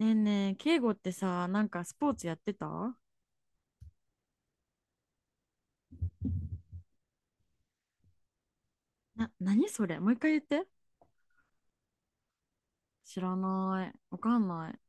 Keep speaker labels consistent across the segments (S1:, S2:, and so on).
S1: ねえねえ、敬語ってさ、なんかスポーツやってたな。何それ？もう一回言って。知らない。わかんない。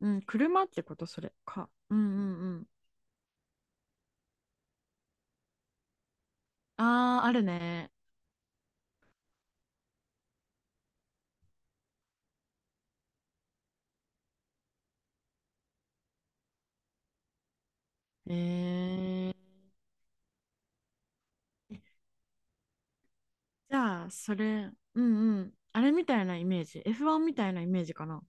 S1: うん、車ってことそれか。うんうんうん。ああ、あるね。えー、じゃあ、それ、うんうん。あれみたいなイメージ。F1 みたいなイメージかな。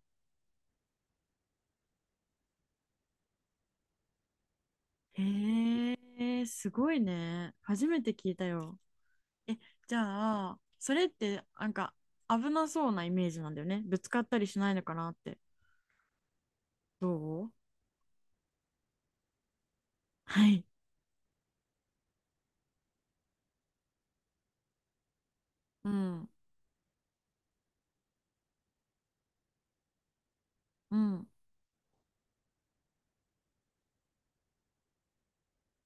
S1: へえ、すごいね。初めて聞いたよ。え、じゃあ、それってなんか危なそうなイメージなんだよね。ぶつかったりしないのかなって。どう？はい。うん。うん。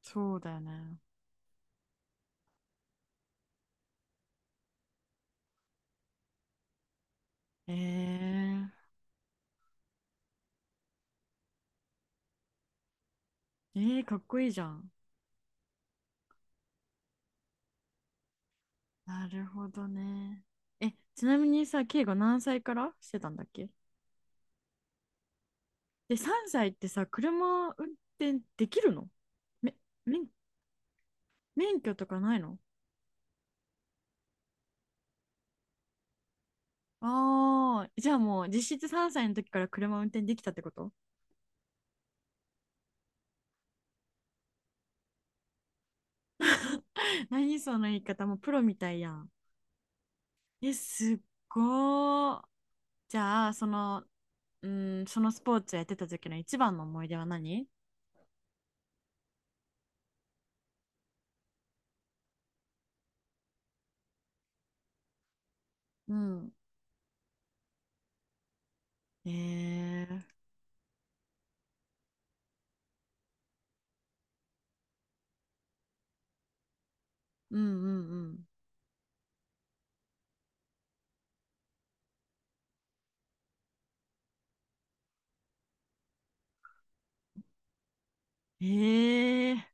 S1: そうだよね。えー、えー、かっこいいじゃん。なるほどね。え、ちなみにさ、ケイが何歳からしてたんだっけ？で、3歳ってさ、車運転できるの？め、免免許とかないの？ああー、じゃあもう実質3歳の時から車運転できたってこと？ 何その言い方もうプロみたいやん。え、すっごー。じゃあ、その、うん、そのスポーツやってた時の一番の思い出は何？うん。ええ、うんうんうん。ええ、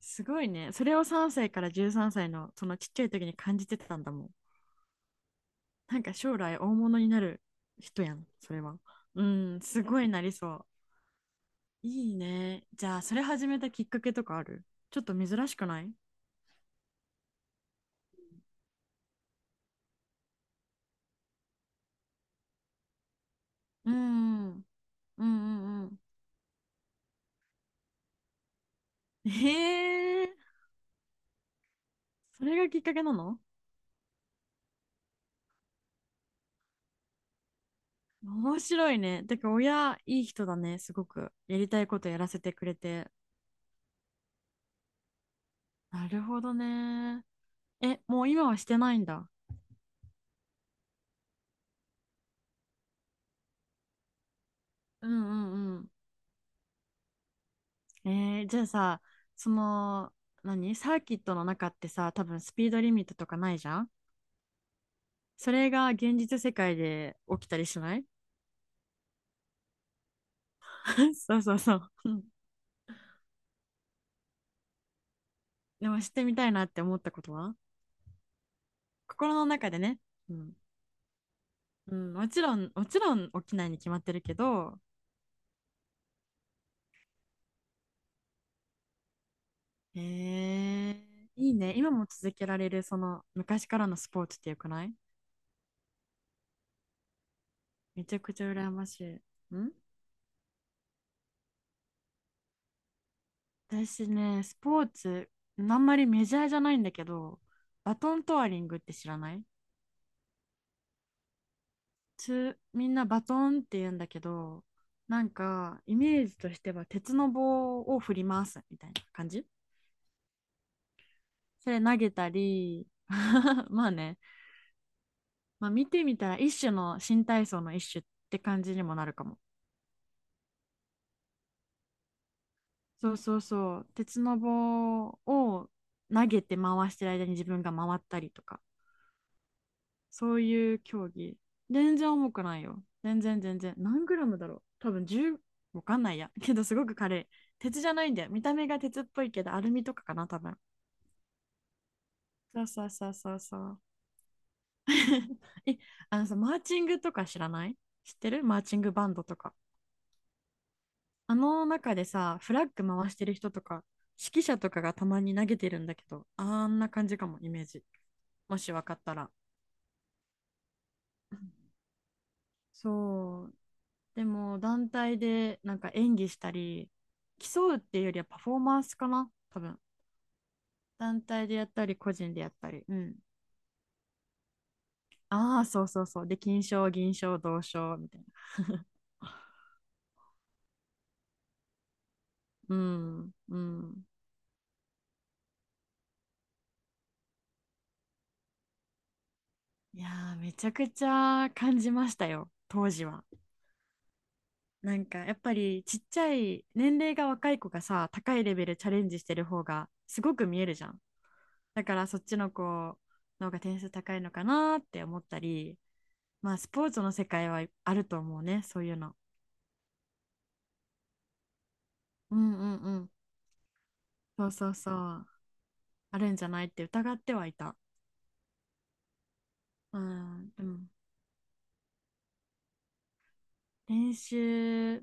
S1: すごいね。それを3歳から13歳のそのちっちゃい時に感じてたんだもん。なんか将来大物になる人やん、それは。うん、すごいなりそう。いいね。じゃあ、それ始めたきっかけとかある？ちょっと珍しくない？うんうんうんうん。へえー、それがきっかけなの？面白いね。てか、親、いい人だね、すごく。やりたいことやらせてくれて。なるほどね。え、もう今はしてないんだ。うんうんうん。じゃあさ、その、何サーキットの中ってさ、多分スピードリミットとかないじゃん。それが現実世界で起きたりしない？ そうそうそう。うん。でもしてみたいなって思ったことは？心の中でね。うん。うん、もちろん、もちろん起きないに決まってるけど、えいいね。今も続けられる、その昔からのスポーツってよくない？めちゃくちゃ羨ましい。ん。私ね、スポーツ、あんまりメジャーじゃないんだけど、バトントワリングって知らない？みんなバトンって言うんだけど、なんか、イメージとしては鉄の棒を振りますみたいな感じ。それ投げたり まあね、まあ、見てみたら一種の新体操の一種って感じにもなるかも。そうそうそう、鉄の棒を投げて回してる間に自分が回ったりとか。そういう競技。全然重くないよ。全然全然。何グラムだろう多分10、わかんないや。けどすごく軽い。鉄じゃないんだよ。見た目が鉄っぽいけど、アルミとかかな、多分。そうそうそうそうそう。え、あのさ、マーチングとか知らない？知ってる？マーチングバンドとか。あの中でさ、フラッグ回してる人とか、指揮者とかがたまに投げてるんだけど、あんな感じかも、イメージ。もしわかったら。そう。でも団体でなんか演技したり競うっていうよりはパフォーマンスかな多分。団体でやったり個人でやったり。うん。ああ、そうそうそう、で金賞銀賞銅賞みたいな。うんうん。いやー、めちゃくちゃ感じましたよ当時は。なんかやっぱりちっちゃい年齢が若い子がさ高いレベルチャレンジしてる方がすごく見えるじゃん。だからそっちの子の方が点数高いのかなって思ったり、まあスポーツの世界はあると思うね、そういうの。うんうんうん。そうそうそう。あるんじゃないって疑ってはいた。うん、でも練習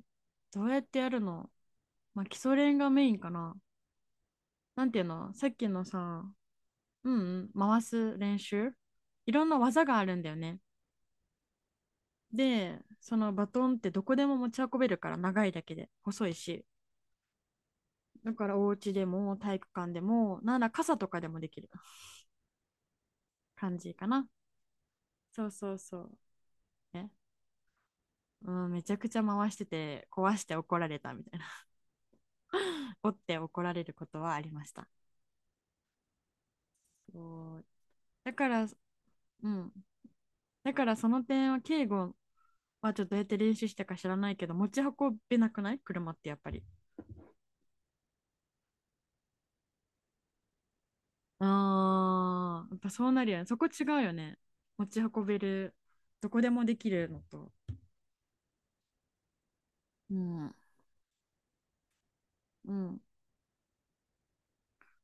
S1: どうやってやるの？まあ基礎練がメインかな。なんていうのさっきのさ、うんうん、回す練習。いろんな技があるんだよね。で、そのバトンってどこでも持ち運べるから長いだけで細いし。だからお家でも体育館でも、なんなら傘とかでもできる感じかな。そうそうそう。ね。うん、めちゃくちゃ回してて、壊して怒られたみたいな 折って怒られることはありました。そう。だから、うん。だからその点は、敬語はちょっとどうやって練習したか知らないけど、持ち運べなくない車ってやっぱり。ああ、やっぱそうなるよね。そこ違うよね。持ち運べる、どこでもできるのと。うん。うん。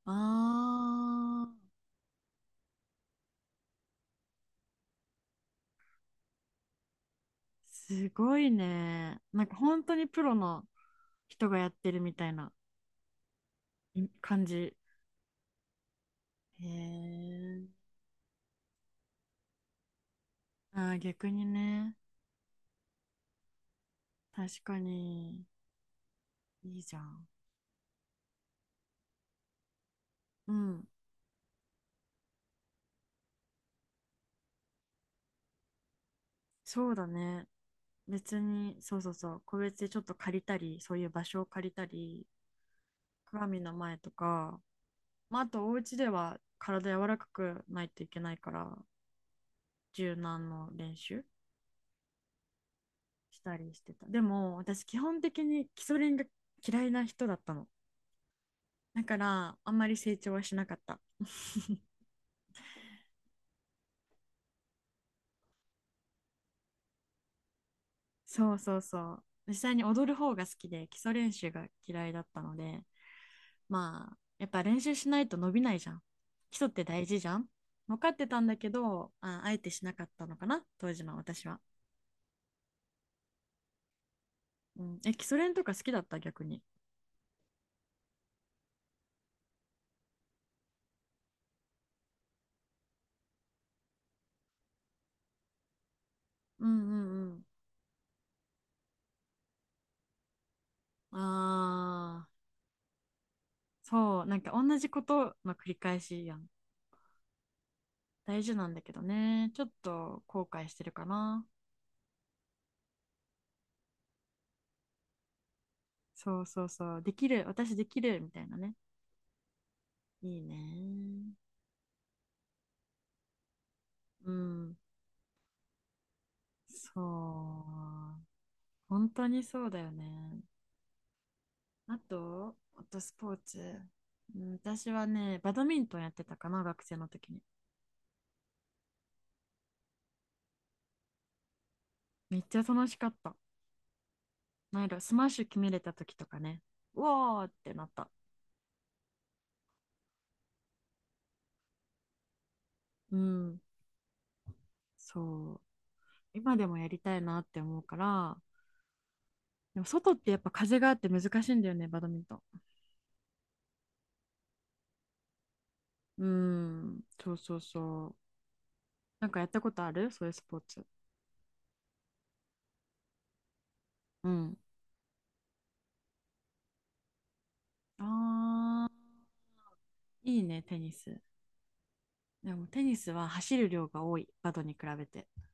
S1: ああ。すごいね。なんか本当にプロの人がやってるみたいな感じ。へえ。ああ、逆にね。確かに。いいじゃん。うん。そうだね。別に、そうそうそう。個別でちょっと借りたり、そういう場所を借りたり、鏡の前とか、まあ、あとお家では体柔らかくないといけないから、柔軟の練習したりしてた。でも、私基本的に基礎練が嫌いな人だったの。だからあんまり成長はしなかった。そうそうそう。実際に踊る方が好きで基礎練習が嫌いだったので、まあやっぱ練習しないと伸びないじゃん。基礎って大事じゃん。分かってたんだけど、あ、あえてしなかったのかな、当時の私は。うん、え、基礎練とか好きだった？逆に。うんうんうん。ああ、そう、なんか同じことの繰り返しやん。大事なんだけどね、ちょっと後悔してるかな。そうそうそう、できる、私できるみたいなね。いいね。うん。そう。本当にそうだよね。あとスポーツ。うん私はね、バドミントンやってたかな、学生の時に。めっちゃ楽しかった。なんやろう、スマッシュ決めれた時とかね。うわーってなった。うん。そう。今でもやりたいなって思うから。でも外ってやっぱ風があって難しいんだよね、バドミントン。うん。そうそうそう。なんかやったことあるそういうスポーツ？うん。あーいいね、テニス。でもテニスは走る量が多い、バドに比べて。